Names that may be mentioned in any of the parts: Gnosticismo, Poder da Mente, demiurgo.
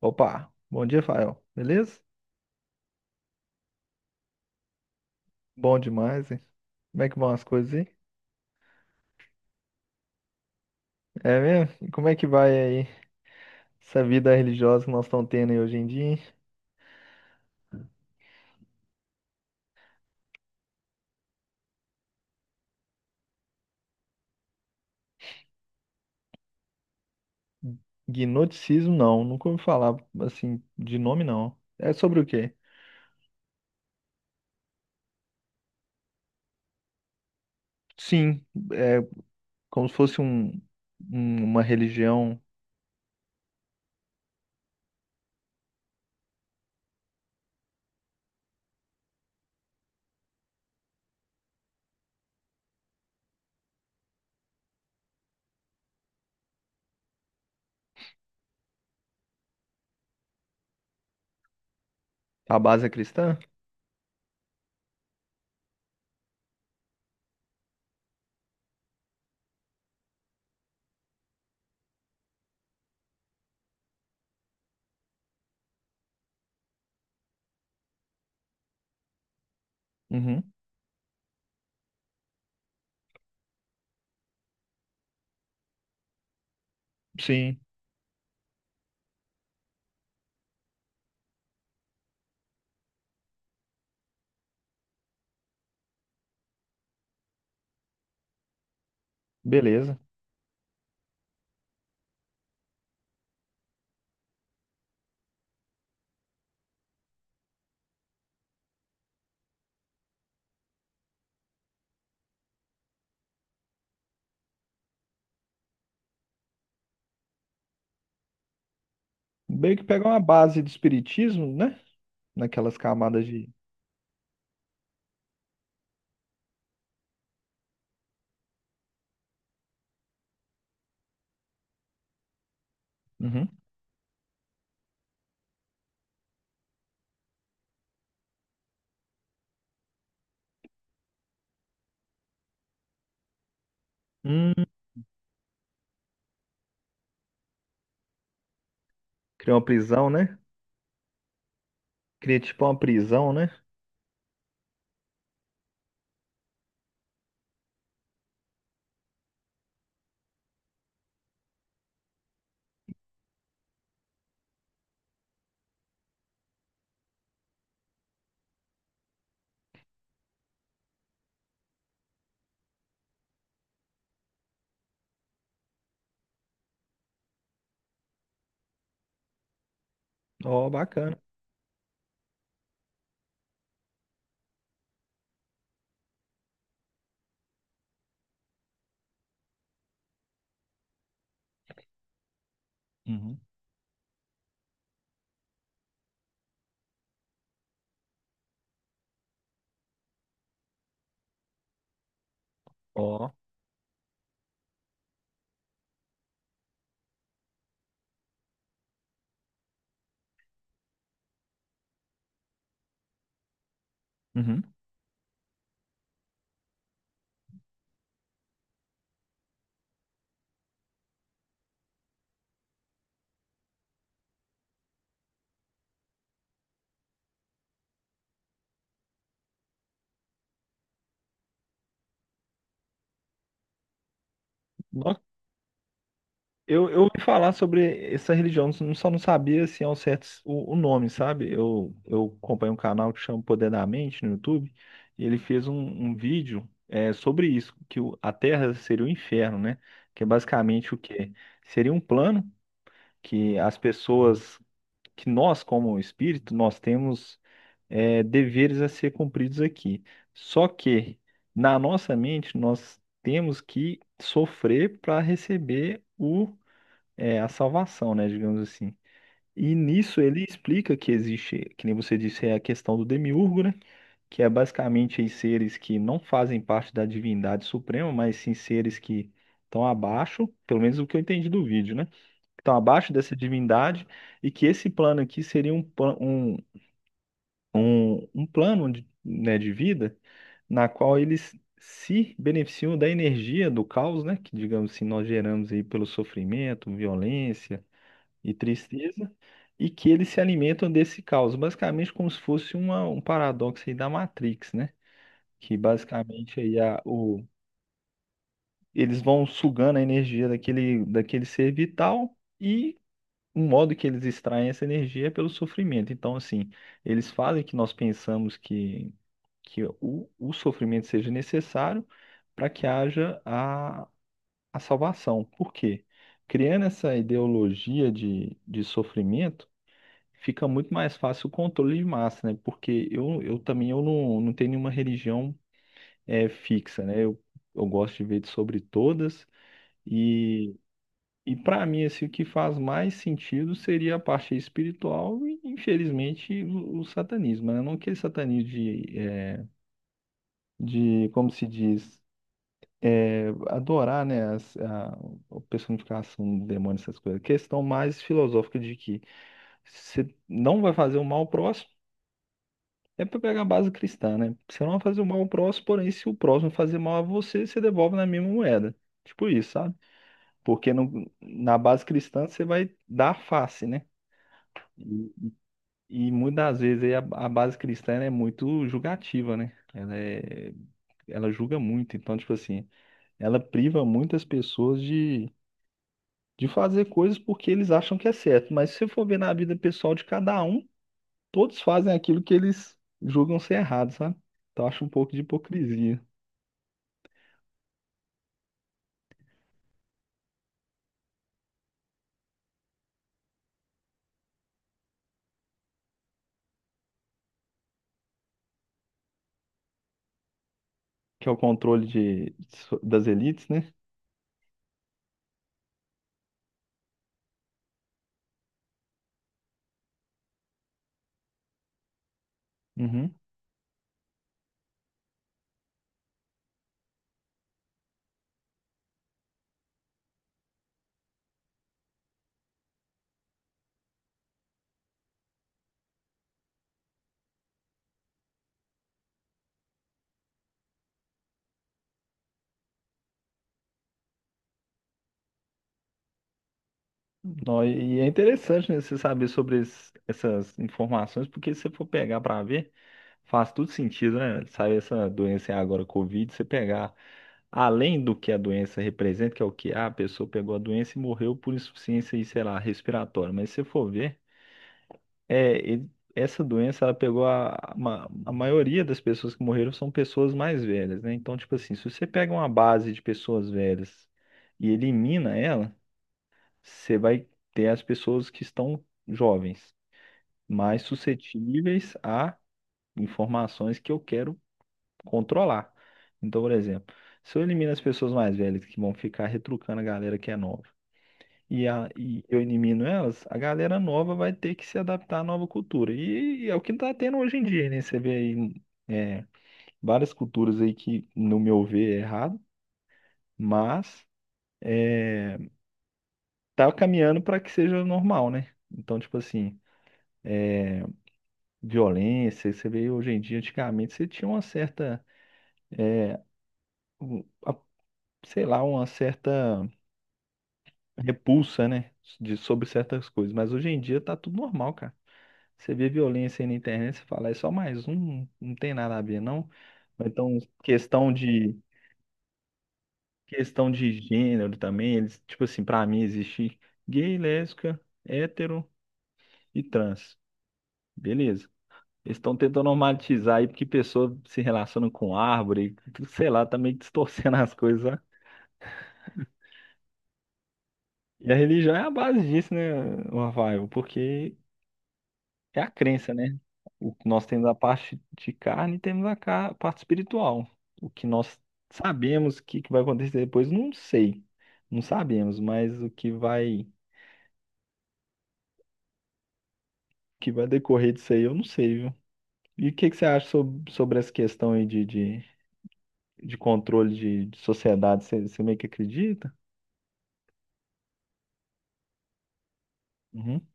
Opa, bom dia, Fael. Beleza? Bom demais, hein? Como é que vão as coisas aí? É mesmo? E como é que vai aí essa vida religiosa que nós estamos tendo aí hoje em dia, hein? Gnosticismo, não. Nunca ouvi falar, assim, de nome, não. É sobre o quê? Sim, é como se fosse uma religião à base é cristã? Uhum, sim. Beleza. Meio que pegar uma base do espiritismo, né? Naquelas camadas de... Uhum. Hum, Criar uma prisão, né? Cria tipo uma prisão, né? Ó, bacana. Uhum. Ó. Uhum. Nossa, eu ouvi falar sobre essa religião, só não sabia assim, ao certo o nome, sabe? Eu acompanho um canal que chama Poder da Mente no YouTube, e ele fez um vídeo sobre isso, que a Terra seria o inferno, né? Que é basicamente o quê? Seria um plano que as pessoas, que nós como espírito, nós temos deveres a ser cumpridos aqui. Só que na nossa mente nós temos que sofrer para receber a salvação, né, digamos assim. E nisso ele explica que existe, que nem você disse, é a questão do demiurgo, né? Que é basicamente aí seres que não fazem parte da divindade suprema, mas sim seres que estão abaixo, pelo menos o que eu entendi do vídeo, né? Que estão abaixo dessa divindade e que esse plano aqui seria um plano de, né, de vida na qual eles se beneficiam da energia do caos, né, que digamos assim nós geramos aí pelo sofrimento, violência e tristeza, e que eles se alimentam desse caos, basicamente como se fosse um paradoxo aí da Matrix, né, que basicamente aí eles vão sugando a energia daquele ser vital. E o modo que eles extraem essa energia é pelo sofrimento. Então, assim, eles fazem que nós pensamos que o sofrimento seja necessário para que haja a salvação. Por quê? Criando essa ideologia de sofrimento, fica muito mais fácil o controle de massa, né? Porque eu também eu não tenho nenhuma religião fixa, né? Eu gosto de ver sobre todas e para mim, assim, o que faz mais sentido seria a parte espiritual e, infelizmente, o satanismo, né? Não aquele satanismo de como se diz, adorar, né, a personificação do demônio, essas coisas. Questão mais filosófica de que você não vai fazer o mal ao próximo, é para pegar a base cristã, né? Você não vai fazer o mal ao próximo, porém, se o próximo fazer mal a você, você devolve na mesma moeda. Tipo isso, sabe? Porque na base cristã você vai dar face, né? E muitas das vezes aí a base cristã ela é muito julgativa, né? Ela julga muito, então, tipo assim, ela priva muitas pessoas de fazer coisas porque eles acham que é certo. Mas se você for ver na vida pessoal de cada um, todos fazem aquilo que eles julgam ser errado, sabe? Então, eu acho um pouco de hipocrisia, que é o controle das elites, né? Uhum. Nó, e é interessante, né, você saber sobre essas informações, porque se você for pegar para ver, faz tudo sentido, né? Sabe, essa doença é agora Covid, você pegar além do que a doença representa, que é o que a pessoa pegou a doença e morreu por insuficiência, e, sei lá, respiratória. Mas se você for ver, essa doença ela pegou a maioria das pessoas que morreram são pessoas mais velhas, né? Então, tipo assim, se você pega uma base de pessoas velhas e elimina ela você vai ter as pessoas que estão jovens, mais suscetíveis a informações que eu quero controlar. Então, por exemplo, se eu elimino as pessoas mais velhas que vão ficar retrucando a galera que é nova, e eu elimino elas, a galera nova vai ter que se adaptar à nova cultura. E é o que está tendo hoje em dia, né? Você vê aí é, várias culturas aí que, no meu ver, é errado, mas é, tá caminhando para que seja normal, né? Então, tipo assim. Violência, você vê hoje em dia, antigamente você tinha uma certa, um- a- sei lá, uma certa repulsa, né, de sobre certas coisas, mas hoje em dia tá tudo normal, cara. Você vê violência aí na internet, você fala, é só mais um, não tem nada a ver, não. Ou então, questão de gênero também, eles, tipo assim, pra mim existe gay, lésbica, hétero e trans. Beleza. Eles estão tentando normatizar aí porque pessoa se relaciona com árvore, sei lá, tá meio distorcendo as coisas. E a religião é a base disso, né, Rafael? Porque é a crença, né? O que nós temos a parte de carne e temos a parte espiritual. O que nós sabemos que vai acontecer depois, não sei. Não sabemos, mas o que vai decorrer disso aí, eu não sei, viu? E o que que você acha sobre essa questão aí de controle de sociedade? Você meio que acredita? Uhum,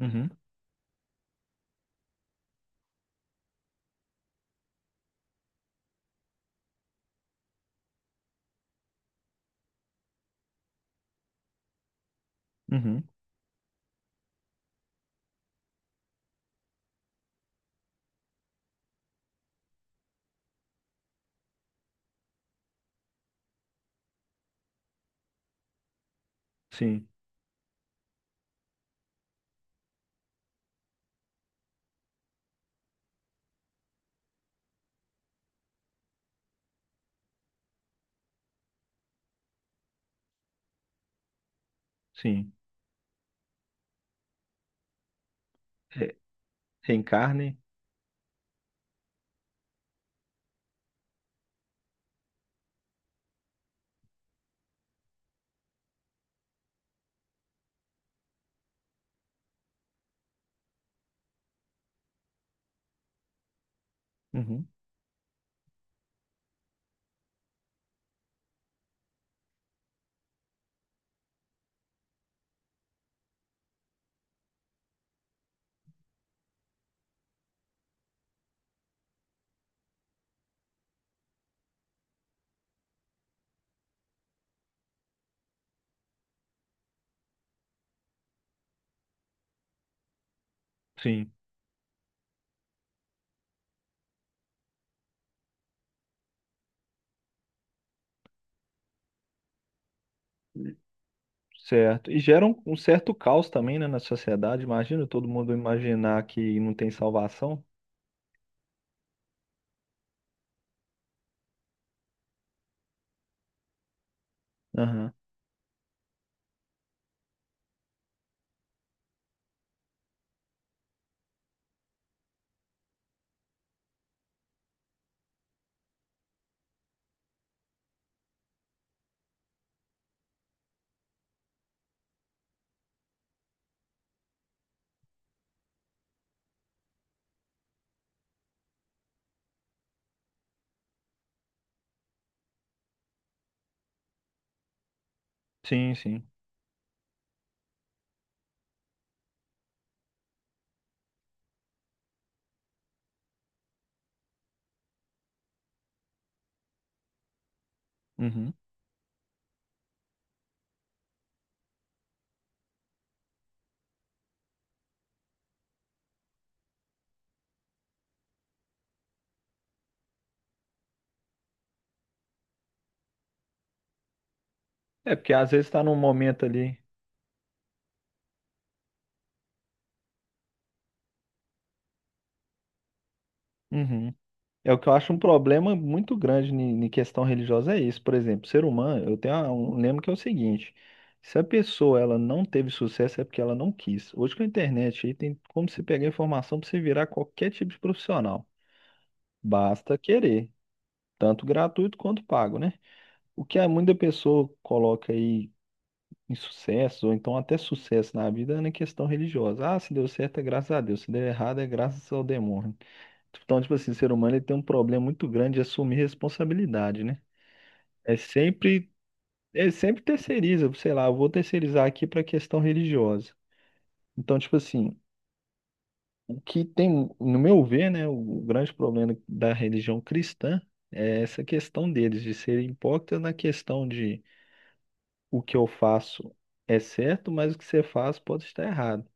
uhum, uhum. Sim, sim. Re- Reencarne? Uhum, sim. Certo. E gera um certo caos também, né, na sociedade. Imagina todo mundo imaginar que não tem salvação. Aham. Sim, sim. Uhum. É porque às vezes está num momento ali. Uhum. É o que eu acho um problema muito grande em questão religiosa é isso. Por exemplo, ser humano, eu tenho um lema que é o seguinte: se a pessoa ela não teve sucesso é porque ela não quis. Hoje com a internet aí tem como você pegar informação para você virar qualquer tipo de profissional. Basta querer, tanto gratuito quanto pago, né? O que a muita pessoa coloca aí em sucesso, ou então até sucesso na vida, é na questão religiosa. Ah, se deu certo é graças a Deus, se deu errado é graças ao demônio. Então, tipo assim, o ser humano ele tem um problema muito grande de assumir responsabilidade, né? É sempre, é sempre terceiriza, sei lá, eu vou terceirizar aqui para a questão religiosa. Então, tipo assim, o que tem, no meu ver, né, o grande problema da religião cristã é essa questão deles, de serem hipócritas na questão de o que eu faço é certo, mas o que você faz pode estar errado.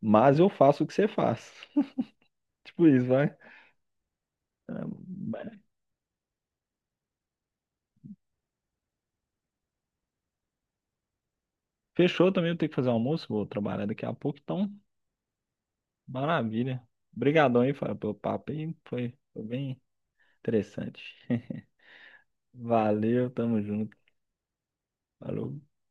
Mas eu faço o que você faz. Tipo isso, vai. Ah, fechou também, eu tenho que fazer almoço, vou trabalhar daqui a pouco, então, maravilha. Obrigadão aí, Fábio, pelo papo aí, foi bem interessante. Valeu, tamo junto. Falou.